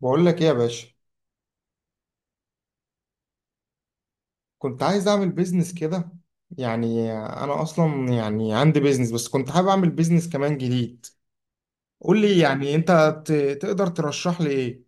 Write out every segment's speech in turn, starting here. بقول لك ايه يا باشا؟ كنت عايز اعمل بيزنس كده. يعني انا اصلا يعني عندي بيزنس، بس كنت حابب اعمل بيزنس كمان جديد. قول لي يعني انت تقدر ترشح لي ايه؟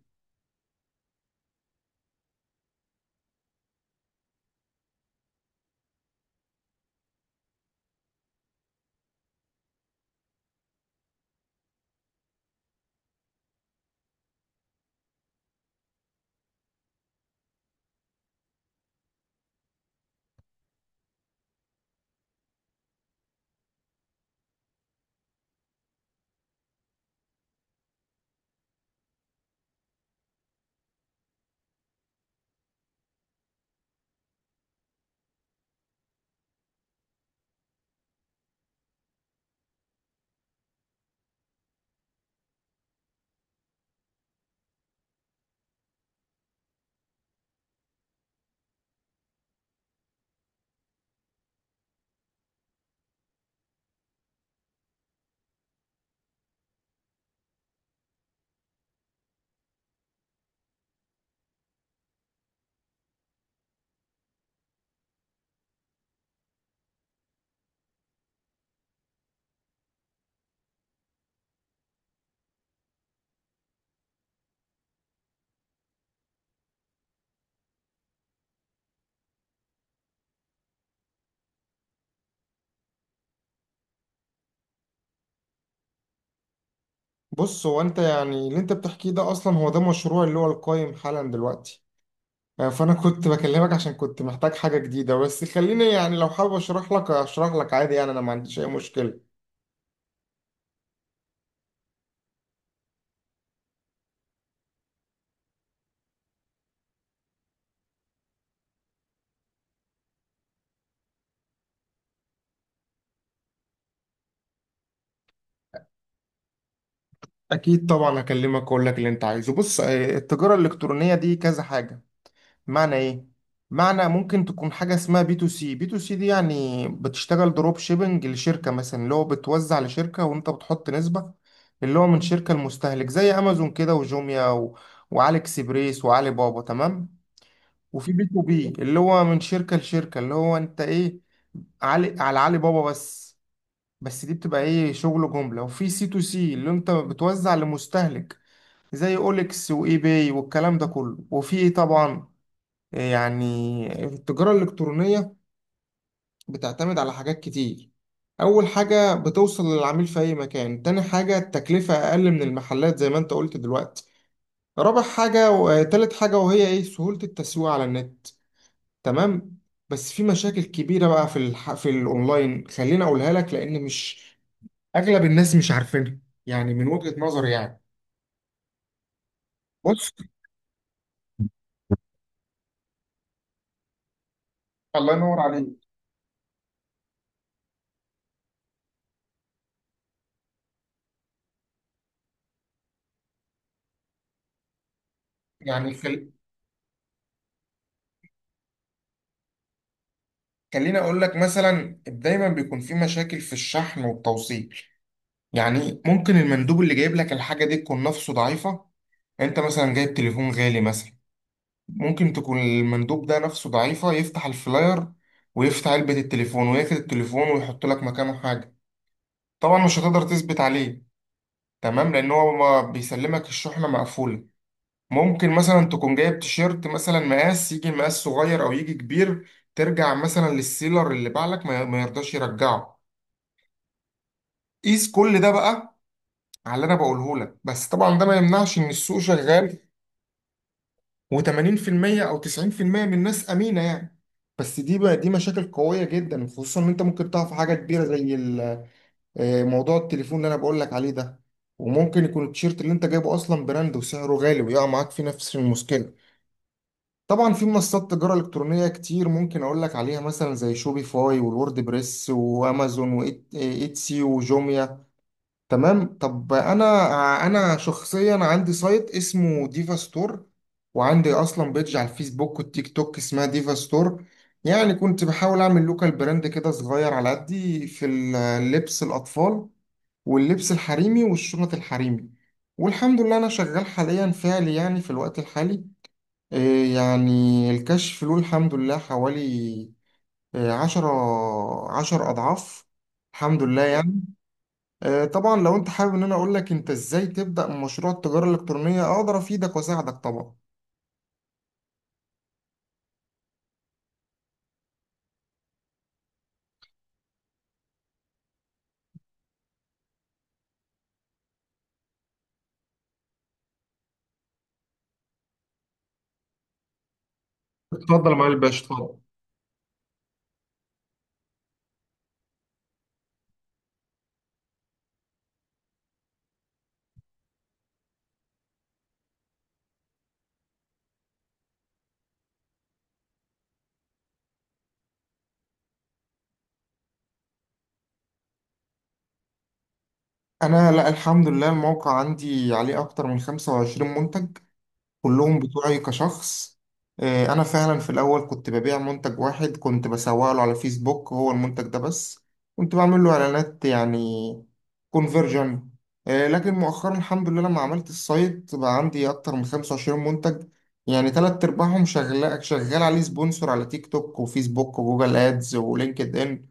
بص، هو انت يعني اللي انت بتحكيه ده اصلا هو ده مشروع اللي هو القايم حالا دلوقتي. آه، فانا كنت بكلمك عشان كنت محتاج حاجة جديدة، بس خليني يعني لو حابب اشرح لك اشرح لك عادي، يعني انا ما عنديش اي مشكلة. اكيد طبعا هكلمك اقول لك اللي انت عايزه. بص، آه، التجارة الالكترونية دي كذا حاجة. معنى ايه؟ معنى ممكن تكون حاجه اسمها بي تو سي. بي تو سي دي يعني بتشتغل دروب شيبنج لشركه مثلا، اللي هو بتوزع لشركه وانت بتحط نسبه. اللي هو من شركه المستهلك زي امازون كده، وجوميا وعلي اكسبريس وعلي بابا. تمام. وفي بي تو بي اللي هو من شركه لشركه، اللي هو انت ايه، علي على علي بابا بس. بس دي بتبقى ايه، شغل جمله. وفي سي تو سي اللي انت بتوزع لمستهلك زي اوليكس واي باي والكلام ده كله. وفي ايه طبعا، يعني التجارة الإلكترونية بتعتمد على حاجات كتير. أول حاجة بتوصل للعميل في أي مكان. تاني حاجة التكلفة أقل من المحلات زي ما أنت قلت دلوقتي. رابع حاجة وتالت حاجة وهي إيه، سهولة التسويق على النت. تمام. بس في مشاكل كبيرة بقى في في الأونلاين خليني أقولها لك، لأن مش أغلب الناس مش عارفينها، يعني من وجهة نظري يعني. بص، الله ينور عليك. يعني خليني أقول لك مثلا، دايما بيكون في مشاكل في الشحن والتوصيل. يعني ممكن المندوب اللي جايب لك الحاجة دي تكون نفسه ضعيفة. انت مثلا جايب تليفون غالي مثلا، ممكن تكون المندوب ده نفسه ضعيفة، يفتح الفلاير ويفتح علبة التليفون وياخد التليفون ويحط لك مكانه حاجة. طبعا مش هتقدر تثبت عليه، تمام، لان هو ما بيسلمك الشحنة مقفولة. ممكن مثلا تكون جايب تيشيرت مثلا، مقاس يجي مقاس صغير او يجي كبير، ترجع مثلا للسيلر اللي باع لك ما يرضاش يرجعه. قيس كل ده بقى على اللي انا بقوله لك. بس طبعا ده ما يمنعش ان السوق شغال، و80% او 90% من الناس امينه يعني. بس دي بقى دي مشاكل قويه جدا، خصوصا ان انت ممكن تقع في حاجه كبيره زي آه، موضوع التليفون اللي انا بقول لك عليه ده. وممكن يكون التيشيرت اللي انت جايبه اصلا براند وسعره غالي، ويقع معاك في نفس المشكله. طبعا في منصات تجاره الكترونيه كتير ممكن اقول لك عليها، مثلا زي شوبيفاي والورد بريس وامازون وايتسي وجوميا. تمام. طب انا، انا شخصيا عندي سايت اسمه ديفا ستور، وعندي اصلا بيدج على الفيسبوك والتيك توك اسمها ديفا ستور. يعني كنت بحاول اعمل لوكال براند كده صغير على قدي، في اللبس الاطفال واللبس الحريمي والشنط الحريمي. والحمد لله انا شغال حاليا فعلي يعني، في الوقت الحالي، إيه يعني الكشف له الحمد لله حوالي إيه، عشرة، عشر اضعاف الحمد لله يعني. آه، طبعا لو انت حابب ان انا اقول لك انت ازاي تبدأ مشروع التجارة الالكترونية، اقدر افيدك واساعدك طبعا. اتفضل يا معالي الباشا، اتفضل. انا لا، الحمد لله الموقع عندي عليه اكتر من 25 منتج، كلهم بتوعي كشخص. آه، انا فعلا في الاول كنت ببيع منتج واحد، كنت بسوق له على فيسبوك هو المنتج ده بس، كنت بعمل له اعلانات يعني كونفرجن. لكن مؤخرا الحمد لله لما عملت السايت بقى عندي اكتر من 25 منتج. يعني تلات ارباعهم شغال، شغال عليه سبونسور على تيك توك وفيسبوك وجوجل ادز ولينكد ان.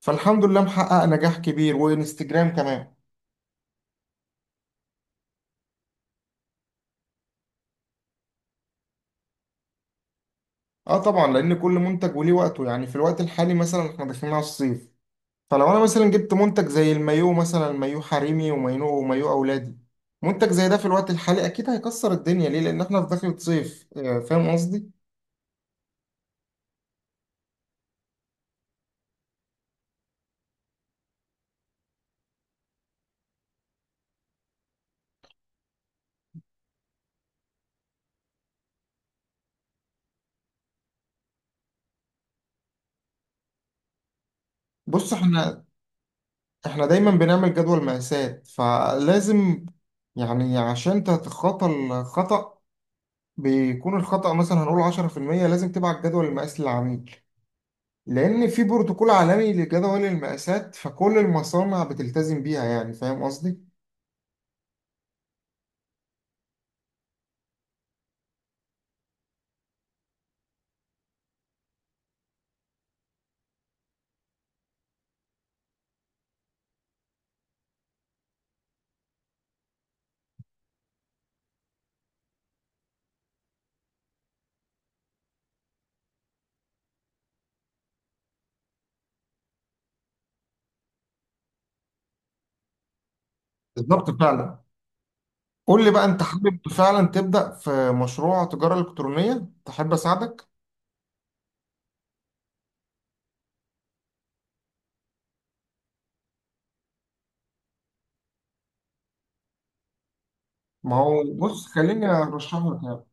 فالحمد لله محقق نجاح كبير، وانستجرام كمان. اه طبعا، لان كل منتج وليه وقته. يعني في الوقت الحالي مثلا احنا داخلين على الصيف، فلو انا مثلا جبت منتج زي المايو مثلا، مايو حريمي ومايو ومايو اولادي، منتج زي ده في الوقت الحالي اكيد هيكسر الدنيا. ليه؟ لان احنا في دخلة صيف. آه، فاهم قصدي؟ بص، احنا دايما بنعمل جدول مقاسات، فلازم يعني عشان تتخطى الخطأ، بيكون الخطأ مثلا هنقول 10%، لازم تبعت جدول المقاس للعميل. لان في بروتوكول عالمي لجدول المقاسات فكل المصانع بتلتزم بيها، يعني فاهم قصدي. بالظبط فعلا. قول لي بقى، انت حابب فعلا تبدأ في مشروع تجارة إلكترونية تحب اساعدك؟ ما هو بص خليني ارشح لك يعني.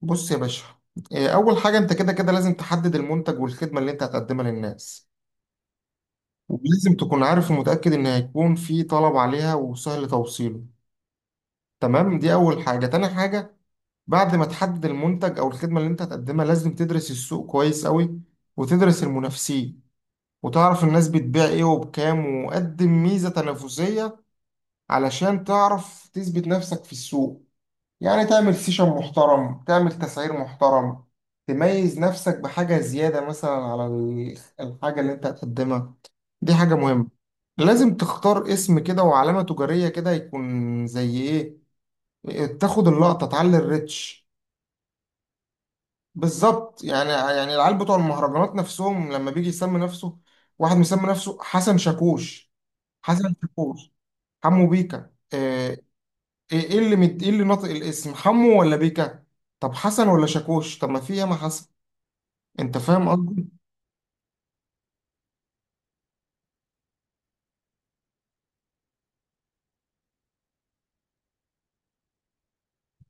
بص يا باشا، إيه، اول حاجة انت كده كده لازم تحدد المنتج والخدمة اللي انت هتقدمها للناس، ولازم تكون عارف ومتأكد ان هيكون في طلب عليها وسهل توصيله. تمام، دي اول حاجة. تاني حاجة، بعد ما تحدد المنتج او الخدمة اللي انت هتقدمها، لازم تدرس السوق كويس قوي، وتدرس المنافسين، وتعرف الناس بتبيع ايه وبكام، وقدم ميزة تنافسية علشان تعرف تثبت نفسك في السوق. يعني تعمل سيشن محترم، تعمل تسعير محترم، تميز نفسك بحاجة زيادة مثلا على الحاجة اللي انت هتقدمها، دي حاجة مهمة. لازم تختار اسم كده وعلامة تجارية كده يكون زي ايه، تاخد اللقطة تعلي الريتش. بالظبط يعني، يعني العيال بتوع المهرجانات نفسهم لما بيجي يسمي نفسه، واحد مسمي نفسه حسن شاكوش. حسن شاكوش. حمو بيكا، آه، ايه، إيه اللي ايه اللي ناطق الاسم حمو ولا بيكا؟ طب حسن ولا شاكوش؟ طب ما في ياما حسن. انت فاهم قصدي؟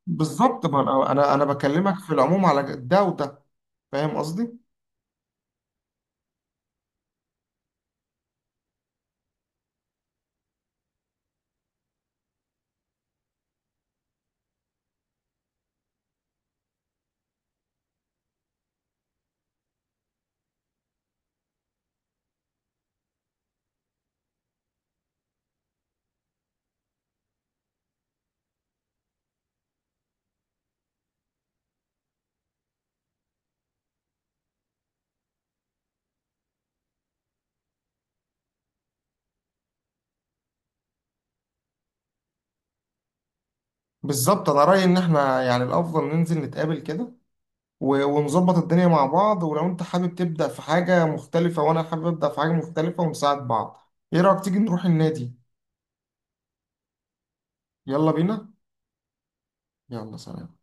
بالظبط، ما انا أنا بكلمك في العموم على ده وده. فاهم قصدي؟ بالظبط. انا رايي ان احنا يعني الافضل ننزل نتقابل كده ونظبط الدنيا مع بعض، ولو انت حابب تبدا في حاجه مختلفه وانا حابب ابدا في حاجه مختلفه ونساعد بعض. ايه رايك تيجي نروح النادي؟ يلا بينا. يلا سلام.